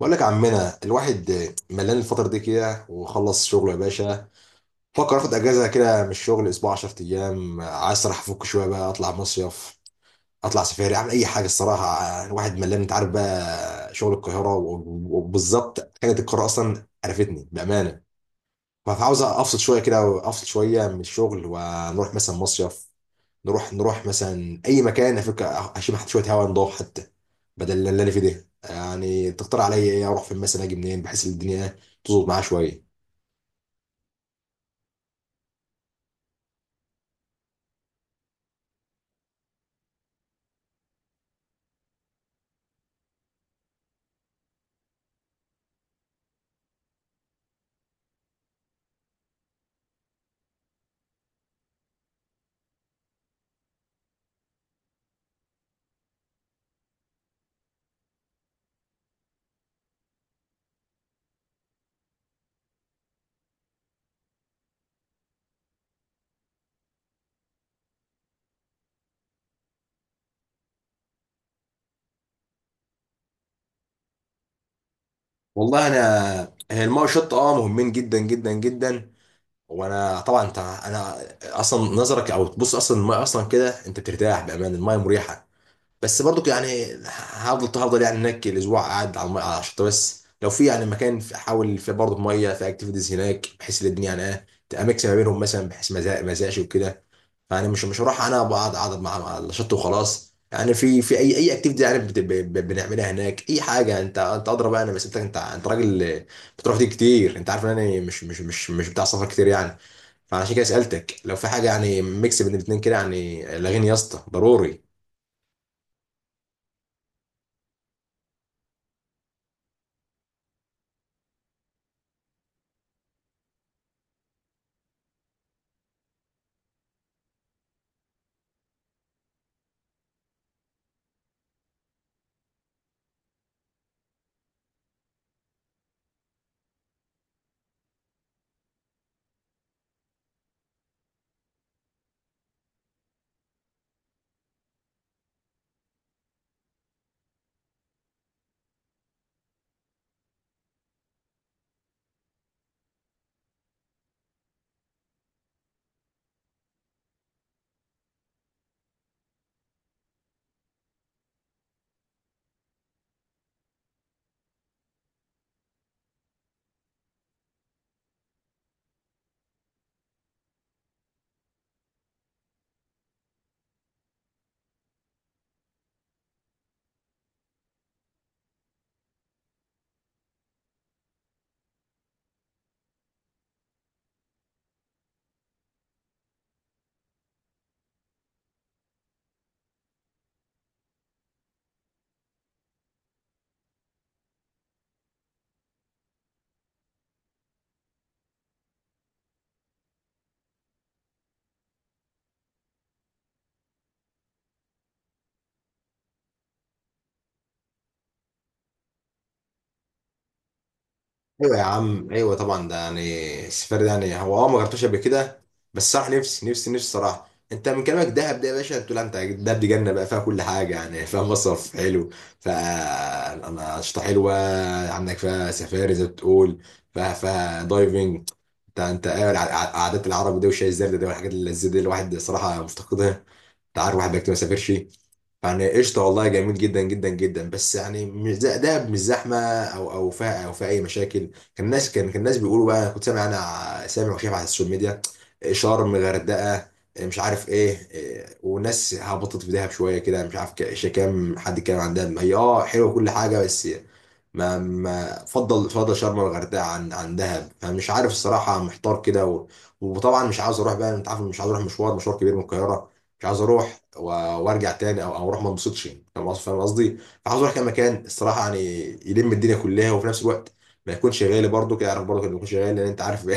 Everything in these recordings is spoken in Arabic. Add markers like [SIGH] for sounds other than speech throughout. بقول لك يا عمنا، الواحد ملان الفترة دي كده وخلص شغله يا باشا. فكر اخد اجازة كده من الشغل، اسبوع 10 ايام. عايز الصراحة افك شوية بقى، اطلع مصيف، اطلع سفاري، اعمل اي حاجة الصراحة. الواحد ملان، انت عارف بقى، شغل القاهرة وبالظبط حاجة القاهرة اصلا عرفتني بأمانة. فعاوز افصل شوية كده، وافصل شوية من الشغل، ونروح مثلا مصيف، نروح مثلا اي مكان، افك اشم حتى شويه هواء نضاف حتى، بدل اللي انا فيه ده. يعني تقترح عليا ايه؟ اروح فين مثلا؟ اجي منين بحيث الدنيا تظبط معايا شويه؟ والله انا هي الماء والشط مهمين جدا جدا جدا. وانا طبعا انت انا، اصلا نظرك او تبص اصلا، الماء اصلا كده انت بترتاح، بامان الماء مريحه. بس برضو يعني هفضل يعني هناك الاسبوع قاعد على الميه على الشط، بس لو في يعني مكان احاول في برضو في ميه في اكتيفيتيز هناك، بحيث ان الدنيا يعني ايه تبقى ميكس ما بينهم مثلا، بحيث ما زهقش وكده. يعني مش هروح، انا اقعد مع الشط وخلاص، يعني في اي اكتيفيتي يعني بنعملها هناك اي حاجه. انت اضرب انا، بس انت انت راجل بتروح تيجي كتير. انت عارف ان انا مش بتاع سفر كتير يعني. فعشان كده سالتك لو في حاجه يعني ميكس بين الاثنين كده، يعني لاغيني يا اسطى ضروري. ايوه يا عم، ايوه طبعا، ده يعني السفر ده يعني هو ما جربتوش قبل كده. بس صراحه نفسي صراحه، انت من كلامك دهب ده يا باشا، تقول انت دهب دي جنه بقى، فيها كل حاجه، يعني فيها مصرف حلو، فيها انشطه حلوه، عندك فيها سفاري زي ما بتقول، فيها دايفنج. انت ايه عادات العرب دي وشاي الزردة دي والحاجات اللذيذه دي، الواحد صراحه مفتقدها. انت عارف واحد بيكتب ما سافرش. يعني قشطه، والله جميل جدا جدا جدا. بس يعني مش ده مش زحمه، او فيها اي مشاكل؟ كان الناس بيقولوا بقى، كنت سامع انا سامع وشايف على السوشيال ميديا، شرم، غردقه، مش عارف ايه إيه، وناس هبطت في دهب شويه كده. مش عارف كام حد كان عندها، هي حلوه كل حاجه. بس ما فضل شرم الغردقه عن دهب. فمش عارف الصراحه، محتار كده. وطبعا مش عاوز اروح بقى، انت عارف، مش عاوز اروح مشوار، كبير من القاهره. مش عاوز اروح وارجع تاني، او اروح ما انبسطش. فاهم قصدي، فاهم قصدي. فعاوز اروح كام مكان الصراحه يعني، يلم الدنيا كلها، وفي نفس الوقت ما يكونش غالي برضه كده، عارف، برضه ما يكونش غالي لان انت عارف. [LAUGHS]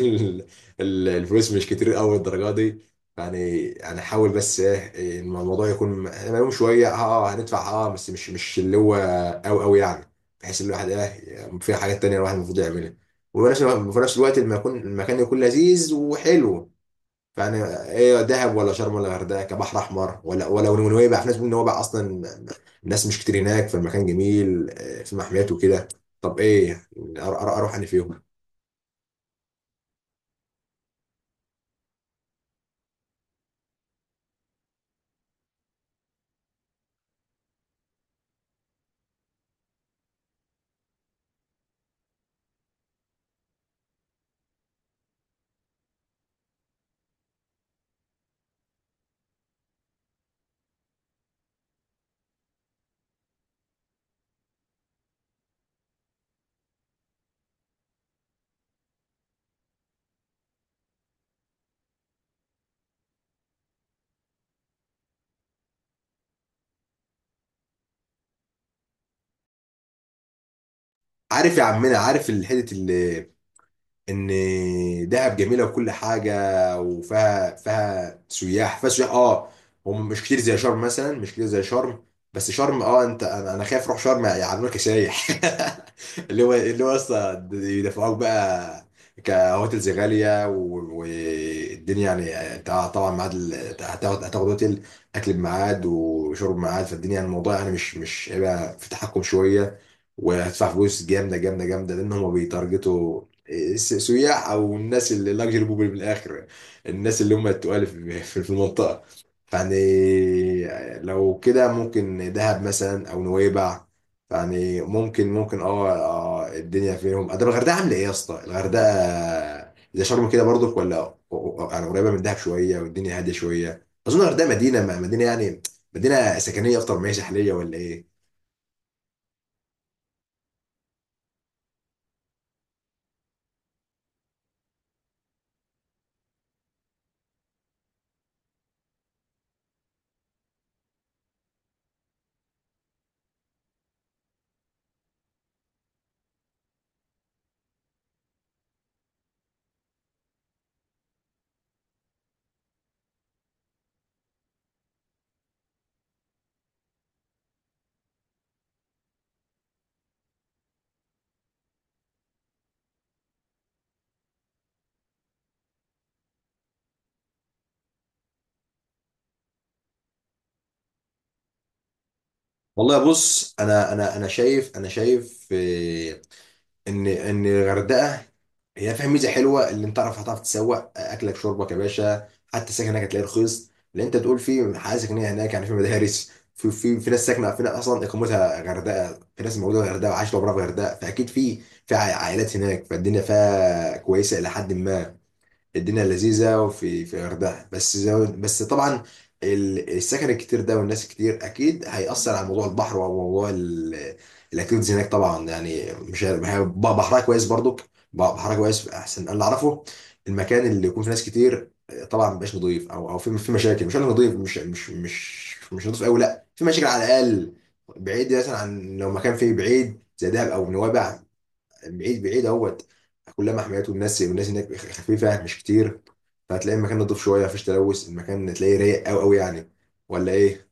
ال- الفلوس مش كتير قوي الدرجه دي. يعني انا احاول بس ايه الموضوع يكون مليون شويه، هندفع بس مش اللي هو أوي أوي يعني، بحيث إن الواحد إيه فيها حاجات تانية الواحد المفروض يعملها، وفي نفس الوقت لما يكون المكان يكون لذيذ وحلو. فأنا إيه؟ دهب، ولا شرم، ولا غردقة كبحر أحمر، ولا نويبع؟ في ناس بتقول نويبع أصلا الناس مش كتير هناك، فالمكان جميل، آه، في محميات وكده. طب إيه، أروح أنا فيهم؟ عارف يا عمنا، عارف الحتة اللي، ان دهب جميله وكل حاجه، وفيها سياح، فيها سياح هم مش كتير زي شرم مثلا، مش كتير زي شرم. بس شرم انت انا أنا خايف اروح شرم يعاملوك كسايح. [LAUGHS] اللي هو اصلا يدفعوك بقى كهوتيلز غاليه والدنيا يعني طبعا ميعاد هتاخد هوتيل، اكل بميعاد وشرب بميعاد، فالدنيا يعني الموضوع يعني مش هيبقى في تحكم شويه، وهتدفع فلوس جامده جامده جامده لان هم بيتارجتوا إيه، سياح او الناس اللي لاكجري بوبل من الاخر، الناس اللي هم التقال في [LAUGHS] في المنطقه يعني. لو كده ممكن دهب مثلا او نويبع، يعني ممكن الدنيا فيهم. طب الغردقه عامله ايه يا اسطى؟ الغردقه زي شرم كده برضك ولا؟ يعني قريبه من دهب شويه والدنيا هاديه شويه. اظن الغردقه مدينه، مدينه يعني، مدينه سكنيه اكتر ما هي ساحليه ولا ايه؟ والله بص، انا شايف ان الغردقه هي فيها ميزه حلوه، اللي انت هتعرف تسوق اكلك شربك يا باشا، حتى السكن هناك هتلاقيه رخيص، اللي انت تقول فيه حاجه سكنيه هناك يعني، في مدارس، في ناس ساكنه، في ناس اصلا اقامتها غردقه، في ناس موجوده في غردقه وعايشه عمرها في غردقه، فاكيد في في عائلات هناك، فالدنيا فيها كويسه الى حد ما. الدنيا لذيذه وفي الغردقه، بس طبعا السكن الكتير ده والناس الكتير اكيد هيأثر على موضوع البحر وموضوع الاكتيفيتيز هناك. طبعا يعني مش بحرها كويس برضك، بحرها كويس احسن انا اللي اعرفه. المكان اللي يكون فيه ناس كتير طبعا مبقاش نضيف، او في مشاكل، مش انا نضيف، مش نضيف قوي، لا، في مشاكل على الاقل. بعيد مثلا عن، لو مكان فيه بعيد زي دهب او نوابع، بعيد بعيد اهوت، كلها محميات، والناس هناك خفيفه مش كتير، فهتلاقي المكان نضيف شويه، مفيش تلوث، المكان تلاقيه رايق قوي قوي يعني، ولا ايه؟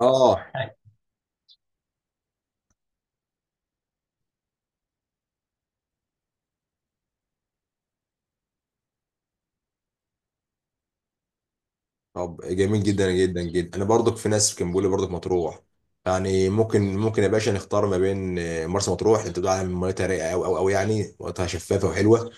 اه طب جميل جدا جدا جدا. انا برضك في ناس كان بيقول لي برضك مطروح، يعني ممكن يا باشا نختار ما بين، آه، مرسى مطروح. انت بتقول على ميتها رايقه قوي قوي قوي، يعني ميتها شفافه وحلوه،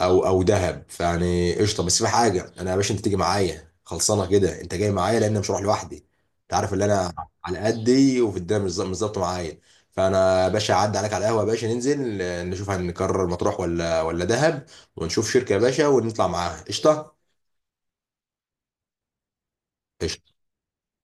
او دهب. فيعني قشطه. بس في حاجه، انا يا باشا انت تيجي معايا خلصانه كده، انت جاي معايا لان أنا مش هروح لوحدي. انت عارف ان انا على قدي، وفي الدنيا مش ظابطه معايا. فانا يا باشا هعدي عليك على القهوه يا باشا، ننزل آه، نشوف هنكرر مطروح ولا دهب، ونشوف شركه يا باشا، ونطلع معاها قشطه. قشطة.